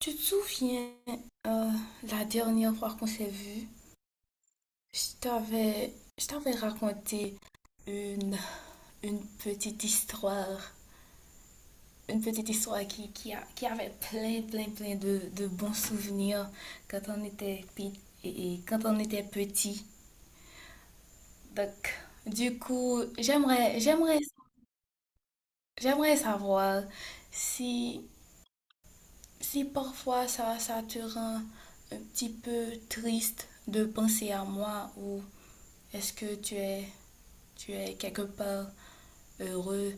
Tu te souviens, euh, la dernière fois qu'on s'est vu, je t'avais, je t'avais raconté une, une petite histoire, une petite histoire qui avait plein de bons souvenirs quand et quand on était petit. Donc, du coup, j'aimerais savoir si, si parfois ça te rend un petit peu triste de penser à moi, ou est-ce que tu es quelque part heureux?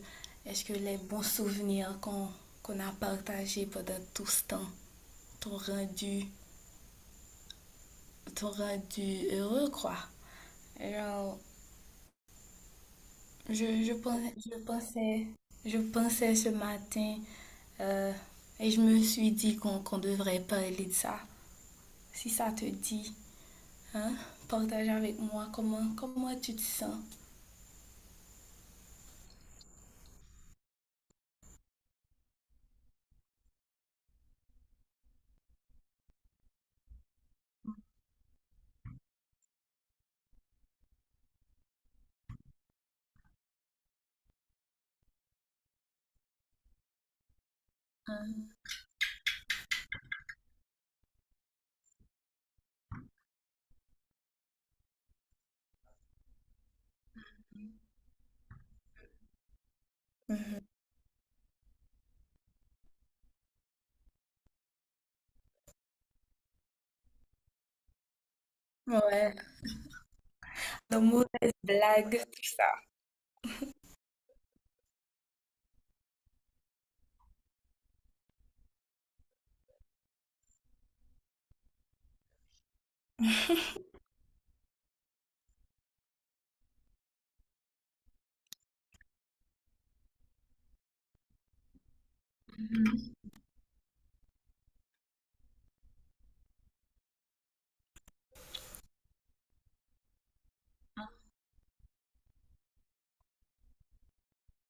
Est-ce que les bons souvenirs qu'on a partagés pendant tout ce temps t'ont rendu, t'ont rendu heureux, quoi? Alors, je, je, pensais, je, pensais, je pensais ce matin, euh, et je me suis dit qu'on devrait parler de ça. Si ça te dit, hein, partage avec moi comment tu te sens. Hein. Mhm. Ouais, nos mauvaises blagues, tout ça. Mhm.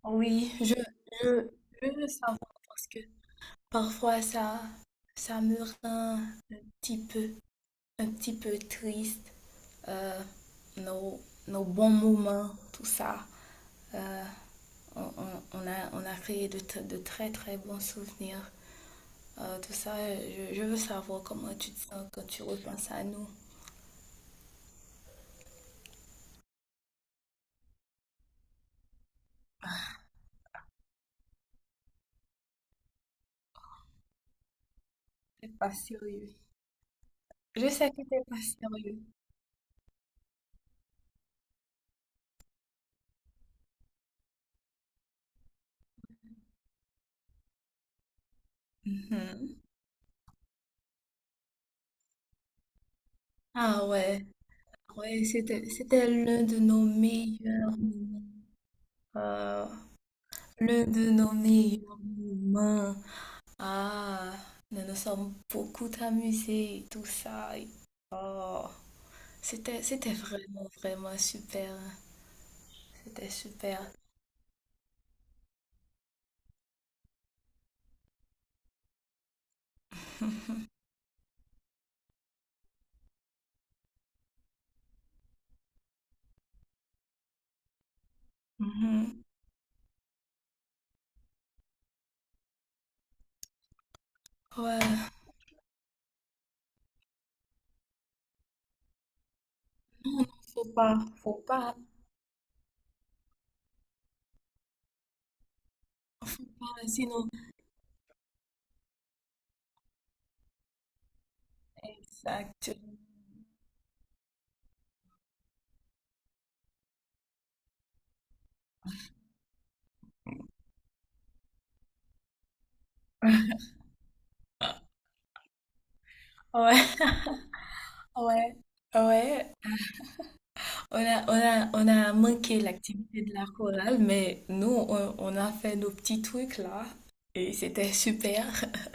Oui, je, je veux savoir parce que parfois ça me rend un petit un petit peu triste. euh, nos, nos bons moments, tout ça. Euh, on a créé de très très bons souvenirs. Tout ça, je veux savoir comment tu te sens quand tu repenses à nous. T'es pas sérieux. Je sais que t'es pas sérieux. Mhm. Ah ouais, ouais, c'était l'un de nos meilleurs moments. Euh, Le de nos meilleurs moments. Ah, nous nous sommes beaucoup amusés, et tout ça. Et- oh, c'était vraiment, vraiment super. C'était super. Mhm. Ouais, faut pas, pas, sinon. Exact. Ouais, ouais, ouais. On a manqué l'activité de la chorale, mais nous, on a fait nos petits trucs là. Et c'était super.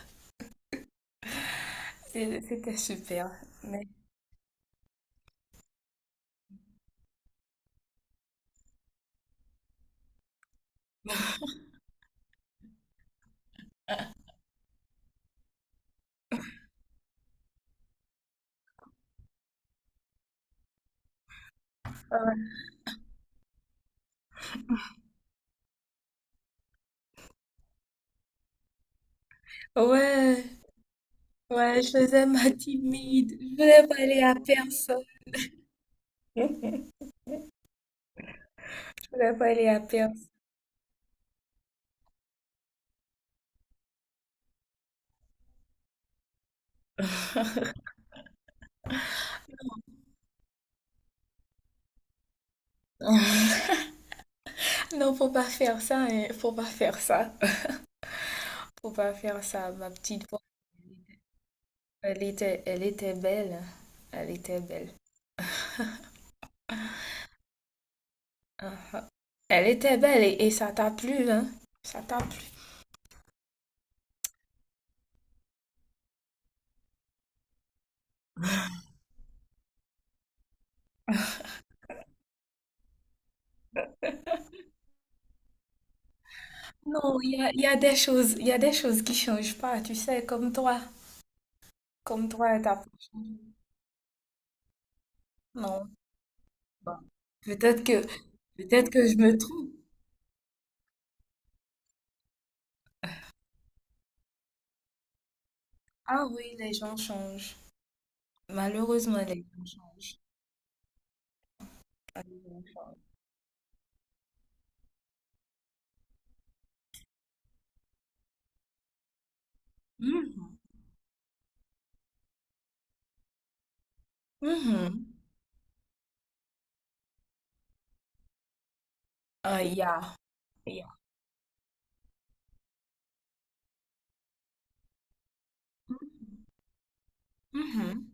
C'est- c'était super. Mais, ouais. Ouais, ouais, je faisais ma timide. Je voulais pas aller à personne. Je voulais pas aller à personne. Non, faut pas faire ça, hein. Faut pas faire ça. Faut pas faire ça, ma petite voix. Elle était belle, hein. Elle était belle. Ah. Elle était belle et ça t'a plu, hein? Ça t'a plu. Non, il y a des choses, il y a des choses qui changent pas, tu sais, comme toi. Comme toi, elle t'a pas changé. Non. Bon. Peut-être que, peut-être que je me trompe. Ah oui, les gens changent. Malheureusement, les gens changent. Ah, les gens changent. Mhm. Mhm. Yeah. Yeah. Mhm.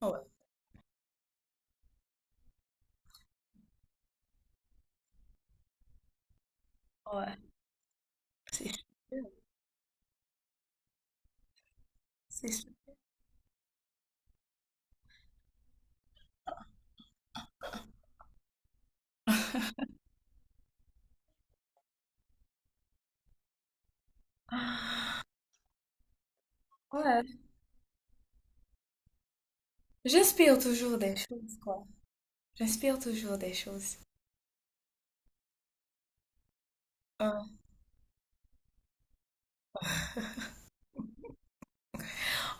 Ouais. Ouais. C'est sûr. C'est sûr. Ouais. J'espère toujours des choses, quoi. J'espère toujours des choses. Hein.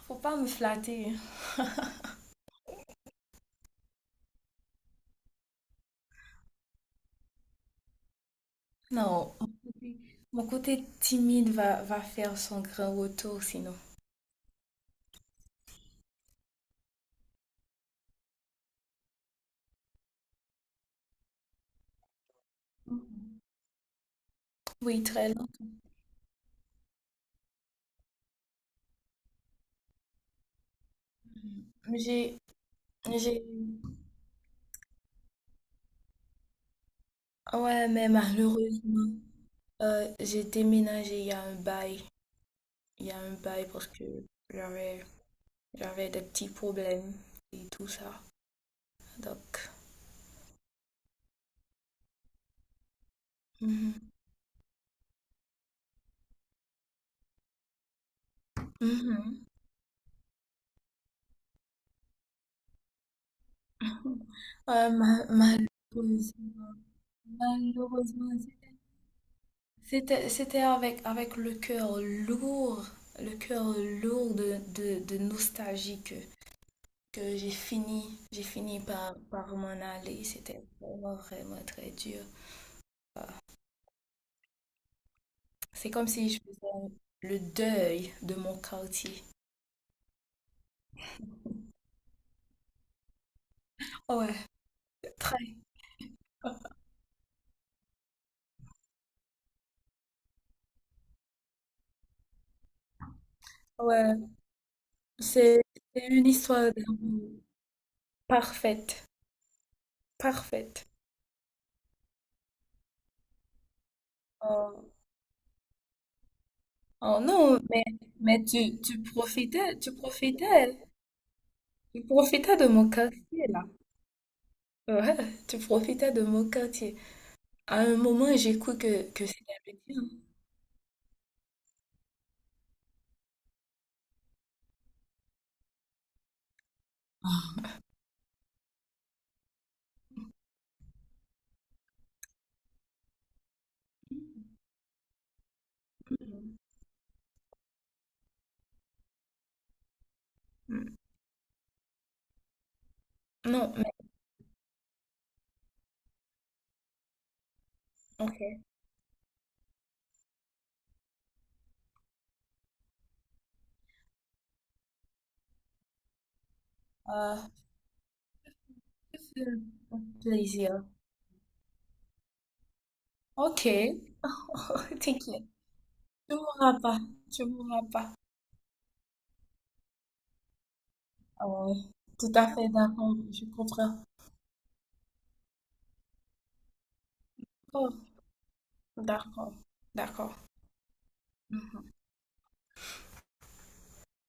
Faut pas me flatter. Non. Mon côté timide va faire son grand retour, sinon. Mhm. Oui, très long. J'ai, j'ai, ouais, mais malheureusement. J'ai déménagé il y a un bail, il y a un bail parce que j'avais j'avais des petits problèmes et tout ça. Donc, mhm, mhm. Ouais, malheureusement, c'était avec le cœur lourd de nostalgie que, j'ai fini par m'en aller. C'était vraiment vraiment très dur. C'est comme si je faisais le deuil de mon quartier. Ouais, très. Ouais, c'est c'est une histoire d'amour parfaite, parfaite. Oh, oh non, mais, mais tu, tu profitais, tu profitais, tu profitais de mon quartier là. Ouais, tu profitais de mon quartier. À un moment, j'ai cru que c'était le tien. Mm. Non, mais ok. Ah, c'est un plaisir. Ok, t'inquiète. Tu mourras pas, tu mourras pas. Ah ouais, tout à fait d'accord, je comprends. Oh, d'accord, d'accord. Mhm.